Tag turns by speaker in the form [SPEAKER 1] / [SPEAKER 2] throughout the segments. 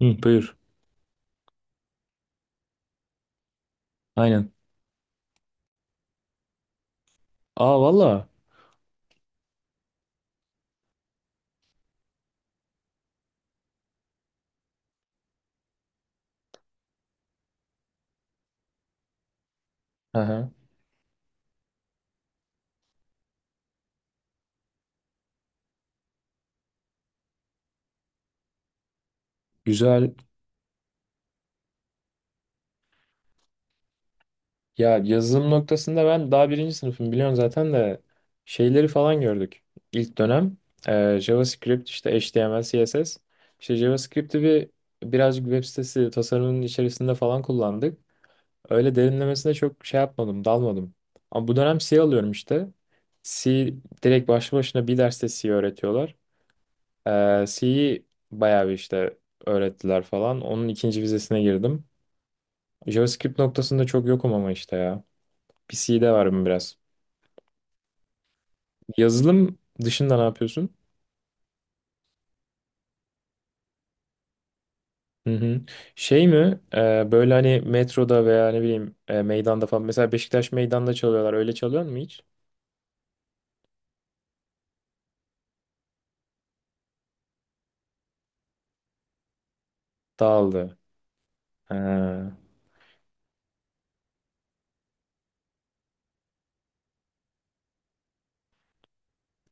[SPEAKER 1] Hı, buyur. Aynen. Aa valla. Hı hı. Güzel. Ya yazılım noktasında ben daha birinci sınıfım biliyorsun zaten de şeyleri falan gördük. İlk dönem JavaScript işte HTML, CSS. İşte JavaScript'i bir birazcık web sitesi tasarımının içerisinde falan kullandık. Öyle derinlemesine çok şey yapmadım, dalmadım. Ama bu dönem C alıyorum işte. C direkt başlı başına bir derste C öğretiyorlar. C'yi bayağı bir işte öğrettiler falan. Onun ikinci vizesine girdim. JavaScript noktasında çok yokum ama işte ya. PC'de varım biraz. Yazılım dışında ne yapıyorsun? Hı hı. Şey mi? Böyle hani metroda veya ne bileyim meydanda falan. Mesela Beşiktaş meydanda çalıyorlar. Öyle çalıyor mu hiç? Dağıldı. Ha,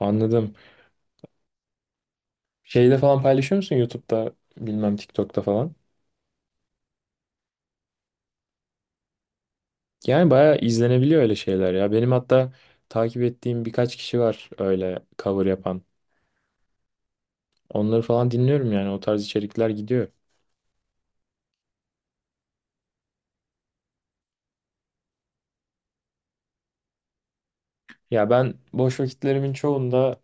[SPEAKER 1] anladım. Şeyde falan paylaşıyor musun? YouTube'da bilmem TikTok'ta falan. Yani bayağı izlenebiliyor öyle şeyler ya. Benim hatta takip ettiğim birkaç kişi var öyle cover yapan. Onları falan dinliyorum yani. O tarz içerikler gidiyor. Ya ben boş vakitlerimin çoğunda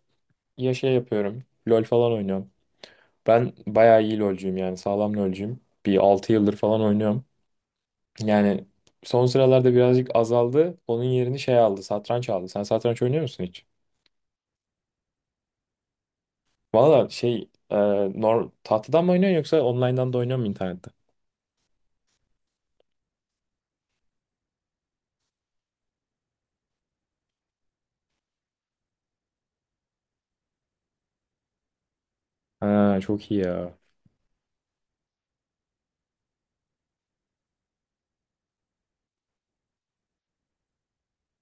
[SPEAKER 1] ya şey yapıyorum. LoL falan oynuyorum. Ben bayağı iyi LoL'cuyum yani. Sağlam LoL'cuyum. Bir 6 yıldır falan oynuyorum. Yani son sıralarda birazcık azaldı. Onun yerini şey aldı. Satranç aldı. Sen satranç oynuyor musun hiç? Valla şey e, nor tahtadan mı oynuyorsun yoksa online'dan da oynuyor musun internette? Ha çok iyi ya.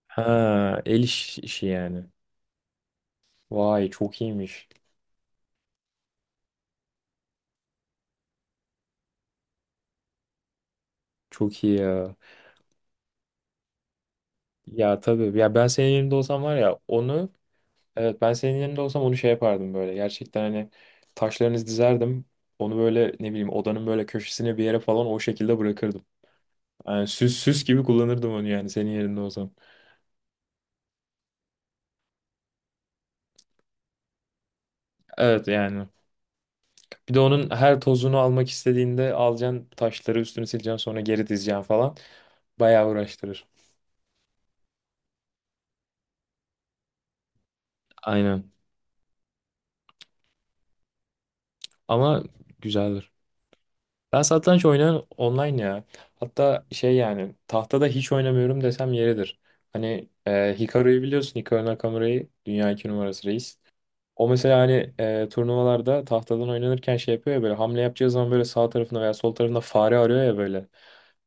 [SPEAKER 1] Ha el işi yani. Vay çok iyiymiş. Çok iyi ya. Ya tabii. Ya ben senin yerinde olsam var ya onu. Evet, ben senin yerinde olsam onu şey yapardım böyle. Gerçekten hani taşlarınızı dizerdim. Onu böyle ne bileyim odanın böyle köşesine bir yere falan o şekilde bırakırdım. Yani süs süs gibi kullanırdım onu yani senin yerinde olsam. Evet yani. Bir de onun her tozunu almak istediğinde alacaksın taşları üstünü sileceksin sonra geri dizeceksin falan. Bayağı uğraştırır. Aynen. Ama güzeldir. Ben satranç oynayan online ya. Hatta şey yani tahtada hiç oynamıyorum desem yeridir. Hani Hikaru'yu biliyorsun Hikaru Nakamura'yı dünya iki numarası reis. O mesela hani turnuvalarda tahtadan oynanırken şey yapıyor ya böyle hamle yapacağı zaman böyle sağ tarafında veya sol tarafında fare arıyor ya böyle.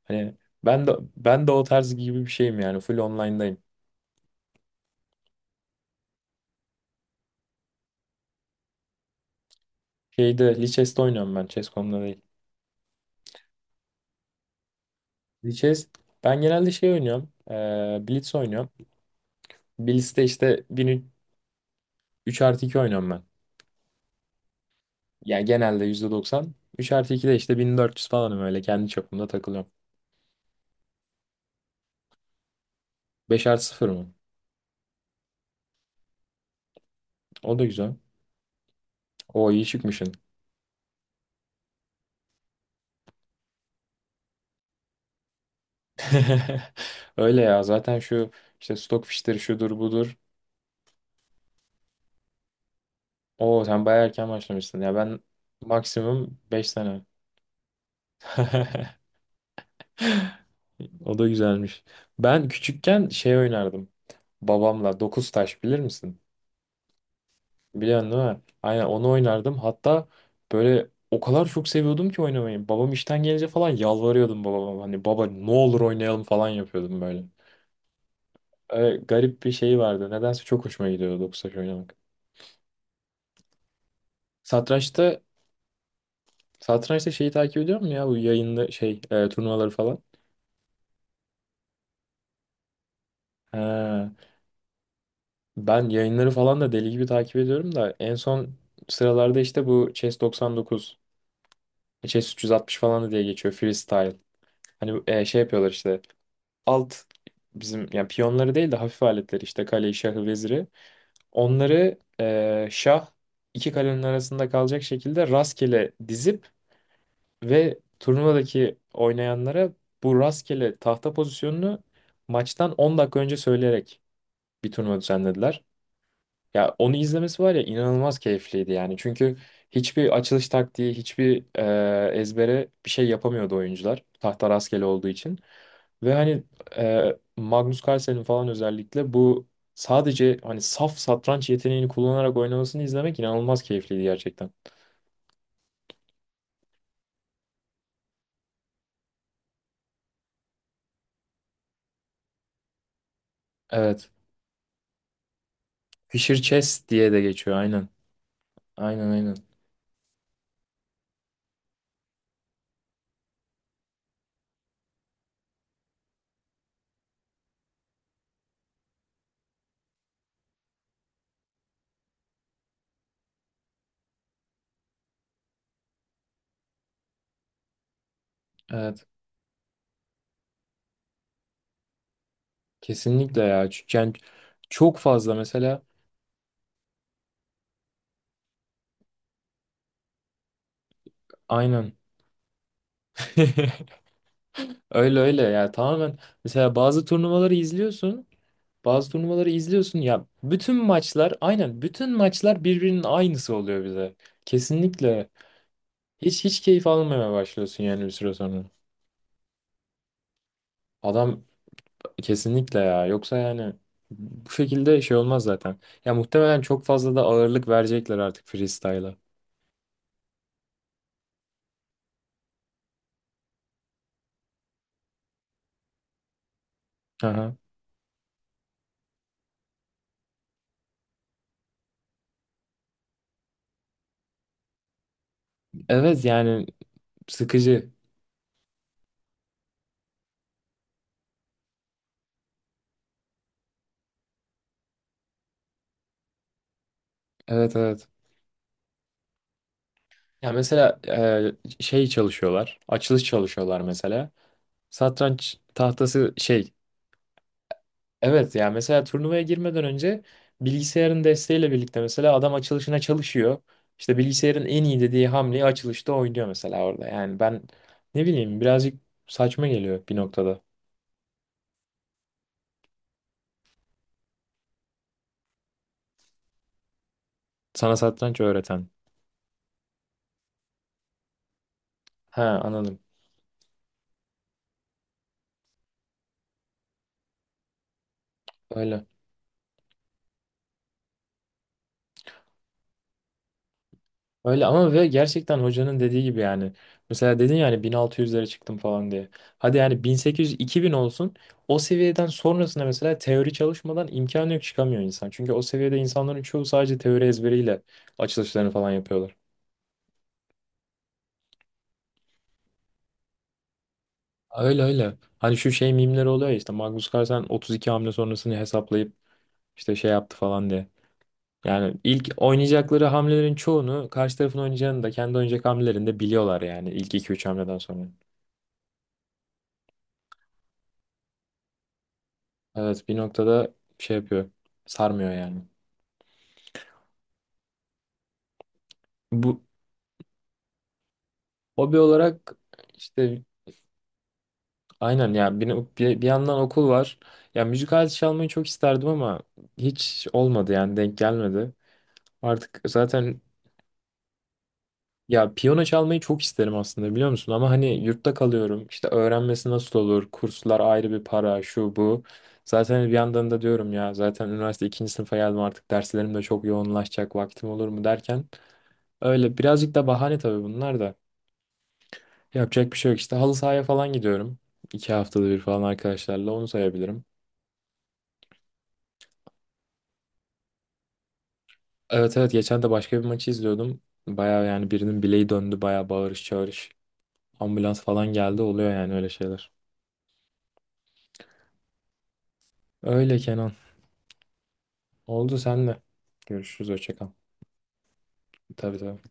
[SPEAKER 1] Hani ben de o tarz gibi bir şeyim yani full online'dayım. Şeyde Lichess'te oynuyorum ben Chess.com'da değil. Lichess ben genelde şey oynuyorum. Blitz oynuyorum. Blitz'te işte 3+2 oynuyorum ben. Yani genelde %90 üç artı 2 de işte 1400 falanım öyle kendi çapımda takılıyorum. 5+0 mı? O da güzel. O iyi çıkmışsın. Öyle ya zaten şu işte Stockfish'tir şudur budur. Oo sen bayağı erken başlamışsın. Ya ben maksimum 5 sene. O da güzelmiş. Ben küçükken şey oynardım. Babamla 9 taş bilir misin? Biliyorsun değil mi? Aynen onu oynardım. Hatta böyle o kadar çok seviyordum ki oynamayı. Babam işten gelince falan yalvarıyordum babama. Hani baba ne olur oynayalım falan yapıyordum böyle. Öyle garip bir şey vardı. Nedense çok hoşuma gidiyordu doksaç oynamak. Satrançta satrançta şeyi takip ediyor musun ya? Bu yayınlı şey turnuvaları falan. Ha, ben yayınları falan da deli gibi takip ediyorum da en son sıralarda işte bu Chess 99, Chess 360 falan da diye geçiyor freestyle. Hani şey yapıyorlar işte. alt bizim yani piyonları değil de hafif aletleri işte kaleyi, şahı, veziri. Onları şah iki kalenin arasında kalacak şekilde rastgele dizip ve turnuvadaki oynayanlara bu rastgele tahta pozisyonunu maçtan 10 dakika önce söyleyerek bir turnuva düzenlediler. Ya onu izlemesi var ya inanılmaz keyifliydi yani. Çünkü hiçbir açılış taktiği, hiçbir ezbere bir şey yapamıyordu oyuncular. Tahta rastgele olduğu için. Ve hani Magnus Carlsen'in falan özellikle bu sadece hani saf satranç yeteneğini kullanarak oynamasını izlemek inanılmaz keyifliydi gerçekten. Evet. Fischer Chess diye de geçiyor aynen. Aynen aynen. Evet. Kesinlikle ya. Çünkü yani çok fazla mesela aynen. Öyle öyle yani tamamen mesela bazı turnuvaları izliyorsun bazı turnuvaları izliyorsun ya bütün maçlar aynen bütün maçlar birbirinin aynısı oluyor bize. Kesinlikle hiç hiç keyif almamaya başlıyorsun yani bir süre sonra. Adam kesinlikle ya yoksa yani bu şekilde şey olmaz zaten. Ya muhtemelen çok fazla da ağırlık verecekler artık freestyle'a. Aha. Evet yani sıkıcı. Evet evet. Ya mesela şey çalışıyorlar. Açılış çalışıyorlar mesela. Satranç tahtası şey. Evet ya mesela turnuvaya girmeden önce bilgisayarın desteğiyle birlikte mesela adam açılışına çalışıyor. İşte bilgisayarın en iyi dediği hamleyi açılışta oynuyor mesela orada. Yani ben ne bileyim birazcık saçma geliyor bir noktada. Sana satranç öğreten. Ha anladım. Öyle. Öyle ama ve gerçekten hocanın dediği gibi yani. Mesela dedin yani 1600'lere çıktım falan diye. Hadi yani 1800-2000 olsun. O seviyeden sonrasında mesela teori çalışmadan imkanı yok çıkamıyor insan. Çünkü o seviyede insanların çoğu sadece teori ezberiyle açılışlarını falan yapıyorlar. Öyle öyle. Hani şu şey mimleri oluyor ya işte Magnus Carlsen 32 hamle sonrasını hesaplayıp işte şey yaptı falan diye. Yani ilk oynayacakları hamlelerin çoğunu karşı tarafın oynayacağını da kendi oynayacak hamlelerini de biliyorlar yani ilk iki üç hamleden sonra. Evet bir noktada şey yapıyor. Sarmıyor yani. Bu hobi olarak işte aynen ya bir yandan okul var. Ya müzik aleti çalmayı çok isterdim ama hiç olmadı yani denk gelmedi. Artık zaten ya piyano çalmayı çok isterim aslında biliyor musun? Ama hani yurtta kalıyorum. İşte öğrenmesi nasıl olur? Kurslar ayrı bir para şu bu. Zaten bir yandan da diyorum ya zaten üniversite ikinci sınıfa geldim artık derslerim de çok yoğunlaşacak vaktim olur mu derken. Öyle birazcık da bahane tabii bunlar da. Yapacak bir şey yok işte. Halı sahaya falan gidiyorum. 2 haftada bir falan arkadaşlarla onu sayabilirim. Evet evet geçen de başka bir maçı izliyordum. Baya yani birinin bileği döndü baya bağırış çağırış. Ambulans falan geldi oluyor yani öyle şeyler. Öyle Kenan. Oldu senle. Görüşürüz hoşça kal. Tabii tabii.